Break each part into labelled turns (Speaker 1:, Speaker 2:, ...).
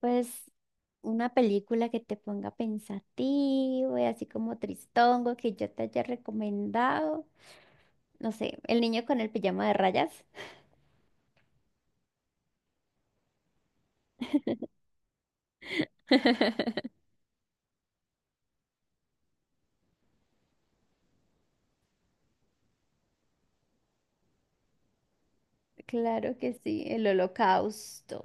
Speaker 1: Pues una película que te ponga pensativo y así como tristongo que yo te haya recomendado. No sé, El niño con el pijama de rayas. Claro que sí, el holocausto.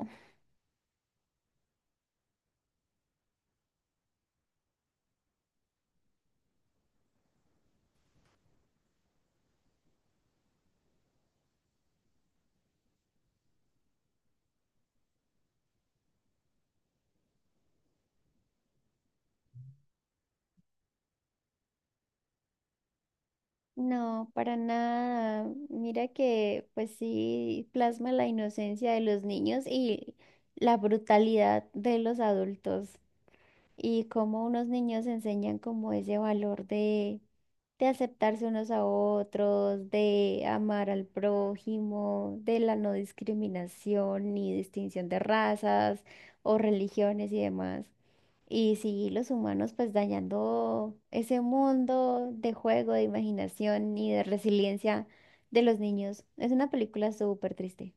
Speaker 1: No, para nada. Mira que pues sí plasma la inocencia de los niños y la brutalidad de los adultos. Y cómo unos niños enseñan como ese valor de aceptarse unos a otros, de amar al prójimo, de la no discriminación ni distinción de razas o religiones y demás. Y sí, los humanos pues dañando ese mundo de juego, de imaginación y de resiliencia de los niños. Es una película súper triste.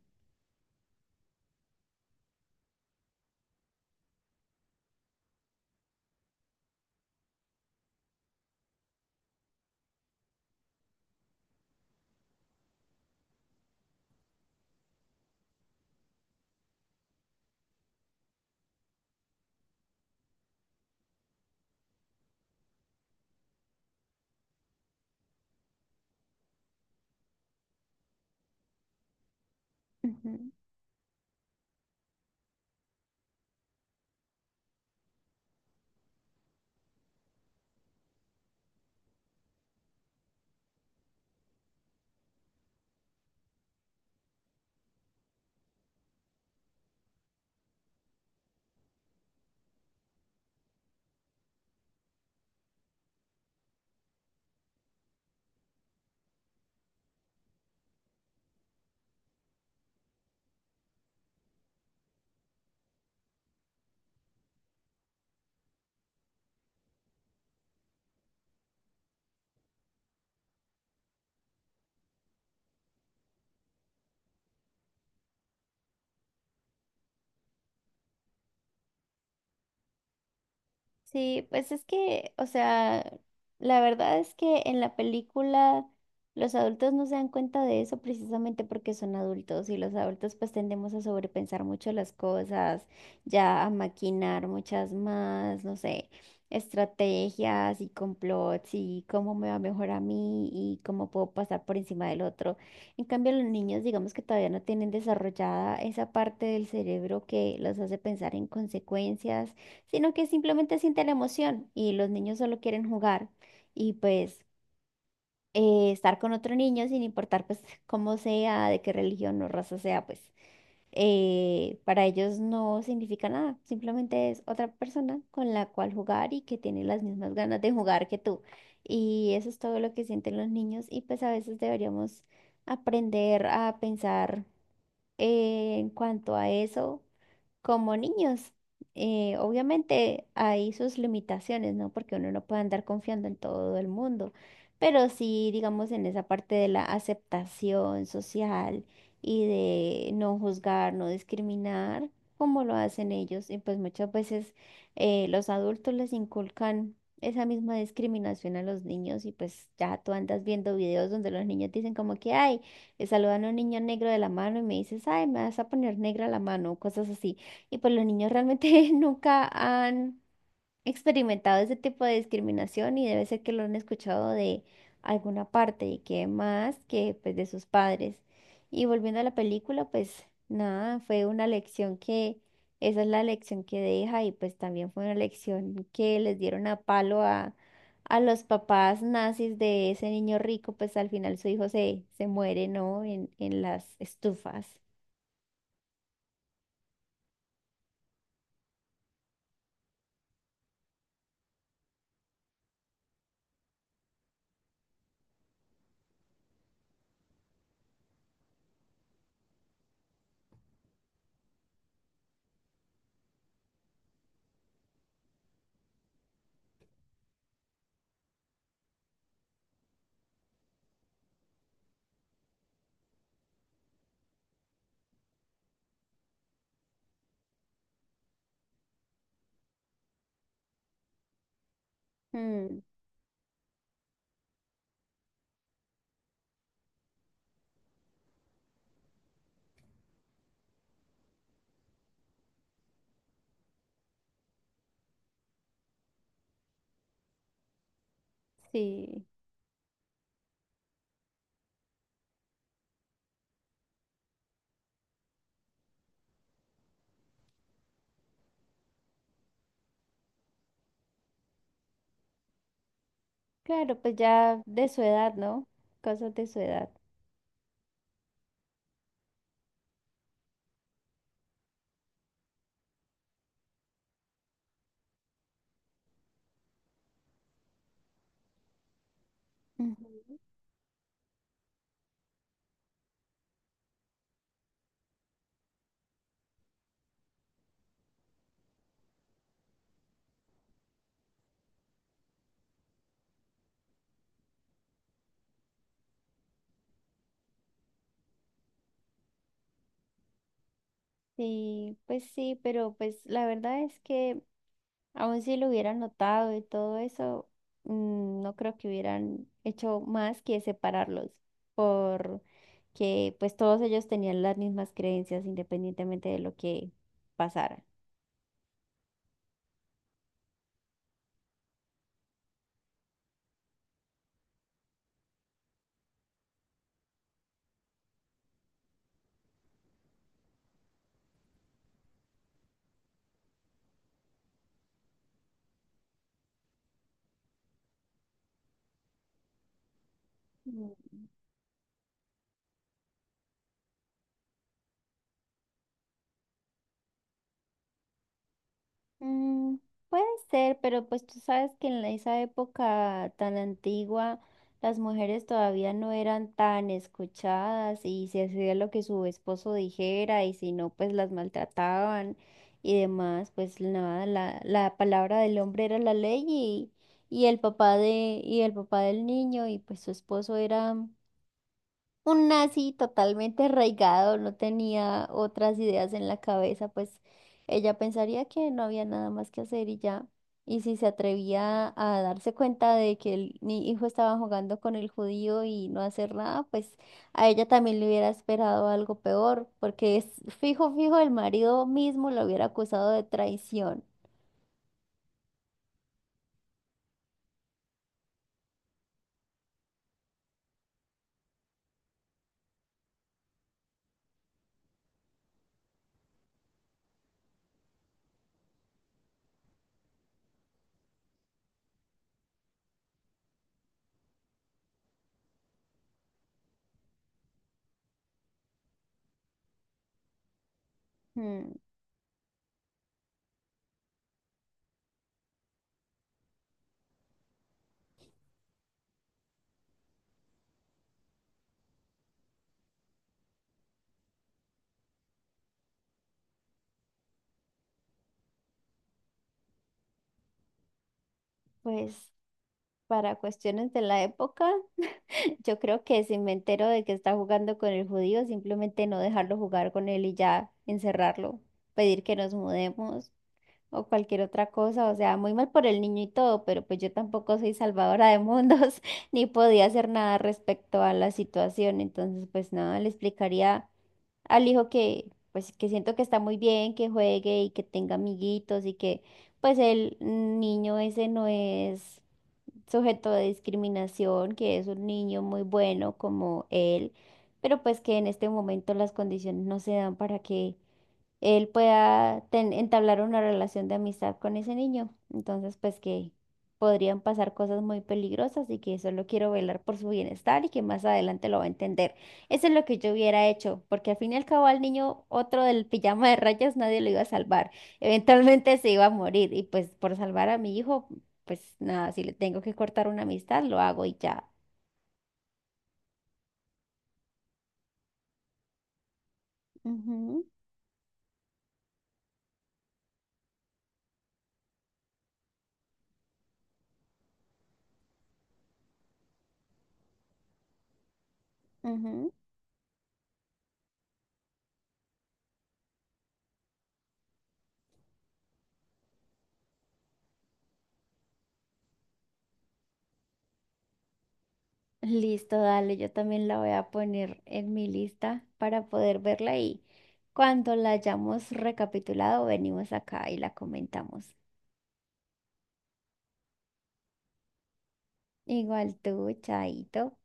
Speaker 1: Sí, pues es que, o sea, la verdad es que en la película los adultos no se dan cuenta de eso precisamente porque son adultos y los adultos pues tendemos a sobrepensar mucho las cosas, ya a maquinar muchas más, no sé, estrategias y complots y cómo me va mejor a mí y cómo puedo pasar por encima del otro. En cambio, los niños digamos que todavía no tienen desarrollada esa parte del cerebro que los hace pensar en consecuencias, sino que simplemente siente la emoción y los niños solo quieren jugar y pues estar con otro niño sin importar pues cómo sea, de qué religión o raza sea, pues para ellos no significa nada, simplemente es otra persona con la cual jugar y que tiene las mismas ganas de jugar que tú. Y eso es todo lo que sienten los niños y pues a veces deberíamos aprender a pensar en cuanto a eso como niños, obviamente hay sus limitaciones, ¿no? Porque uno no puede andar confiando en todo el mundo, pero sí, digamos, en esa parte de la aceptación social y de no juzgar, no discriminar, como lo hacen ellos. Y pues muchas veces los adultos les inculcan esa misma discriminación a los niños y pues ya tú andas viendo videos donde los niños dicen como que, ay, le saludan a un niño negro de la mano y me dices, ay, me vas a poner negra la mano, o cosas así. Y pues los niños realmente nunca han experimentado ese tipo de discriminación y debe ser que lo han escuchado de alguna parte y que más que pues de sus padres. Y volviendo a la película, pues nada, fue una lección que, esa es la lección que deja y pues también fue una lección que les dieron a palo a los papás nazis de ese niño rico, pues al final su hijo se, se muere, ¿no? En las estufas. Mm, sí. Claro, pues ya de su edad, ¿no? Cosas de su edad. Ujú. Sí, pues sí, pero pues la verdad es que aun si lo hubieran notado y todo eso, mm, no creo que hubieran hecho más que separarlos, porque pues todos ellos tenían las mismas creencias independientemente de lo que pasara. Mm. Mm, puede ser, pero pues tú sabes que en la- esa época tan antigua las mujeres todavía no eran tan escuchadas y se hacía lo que su esposo dijera y si no pues las maltrataban y demás, pues nada, la palabra del hombre era la ley y el papá de, y el papá del niño y pues su esposo era un nazi totalmente arraigado, no tenía otras ideas en la cabeza, pues ella pensaría que no había nada más que hacer y ya. Y si se atrevía a darse cuenta de que el, mi hijo estaba jugando con el judío y no hacer nada, pues a ella también le hubiera esperado algo peor, porque es fijo, fijo, el marido mismo lo hubiera acusado de traición. Mm, pues para cuestiones de la época. Yo creo que si me entero de que está jugando con el judío, simplemente no dejarlo jugar con él y ya encerrarlo, pedir que nos mudemos o cualquier otra cosa. O sea, muy mal por el niño y todo, pero pues yo tampoco soy salvadora de mundos ni podía hacer nada respecto a la situación. Entonces, pues nada, le explicaría al hijo que pues que siento que está muy bien, que juegue y que tenga amiguitos y que pues el niño ese no es sujeto de discriminación, que es un niño muy bueno como él, pero pues que en este momento las condiciones no se dan para que él pueda entablar una relación de amistad con ese niño. Entonces, pues que podrían pasar cosas muy peligrosas y que solo quiero velar por su bienestar y que más adelante lo va a entender. Eso es lo que yo hubiera hecho, porque al fin y al cabo al niño otro del pijama de rayas nadie lo iba a salvar. Eventualmente se iba a morir y pues por salvar a mi hijo, pues nada, si le tengo que cortar una amistad, lo hago y ya. Ujú, ujú. Listo, dale, yo también la voy a poner en mi lista para poder verla y cuando la hayamos recapitulado, venimos acá y la comentamos. Igual tú, Chaito.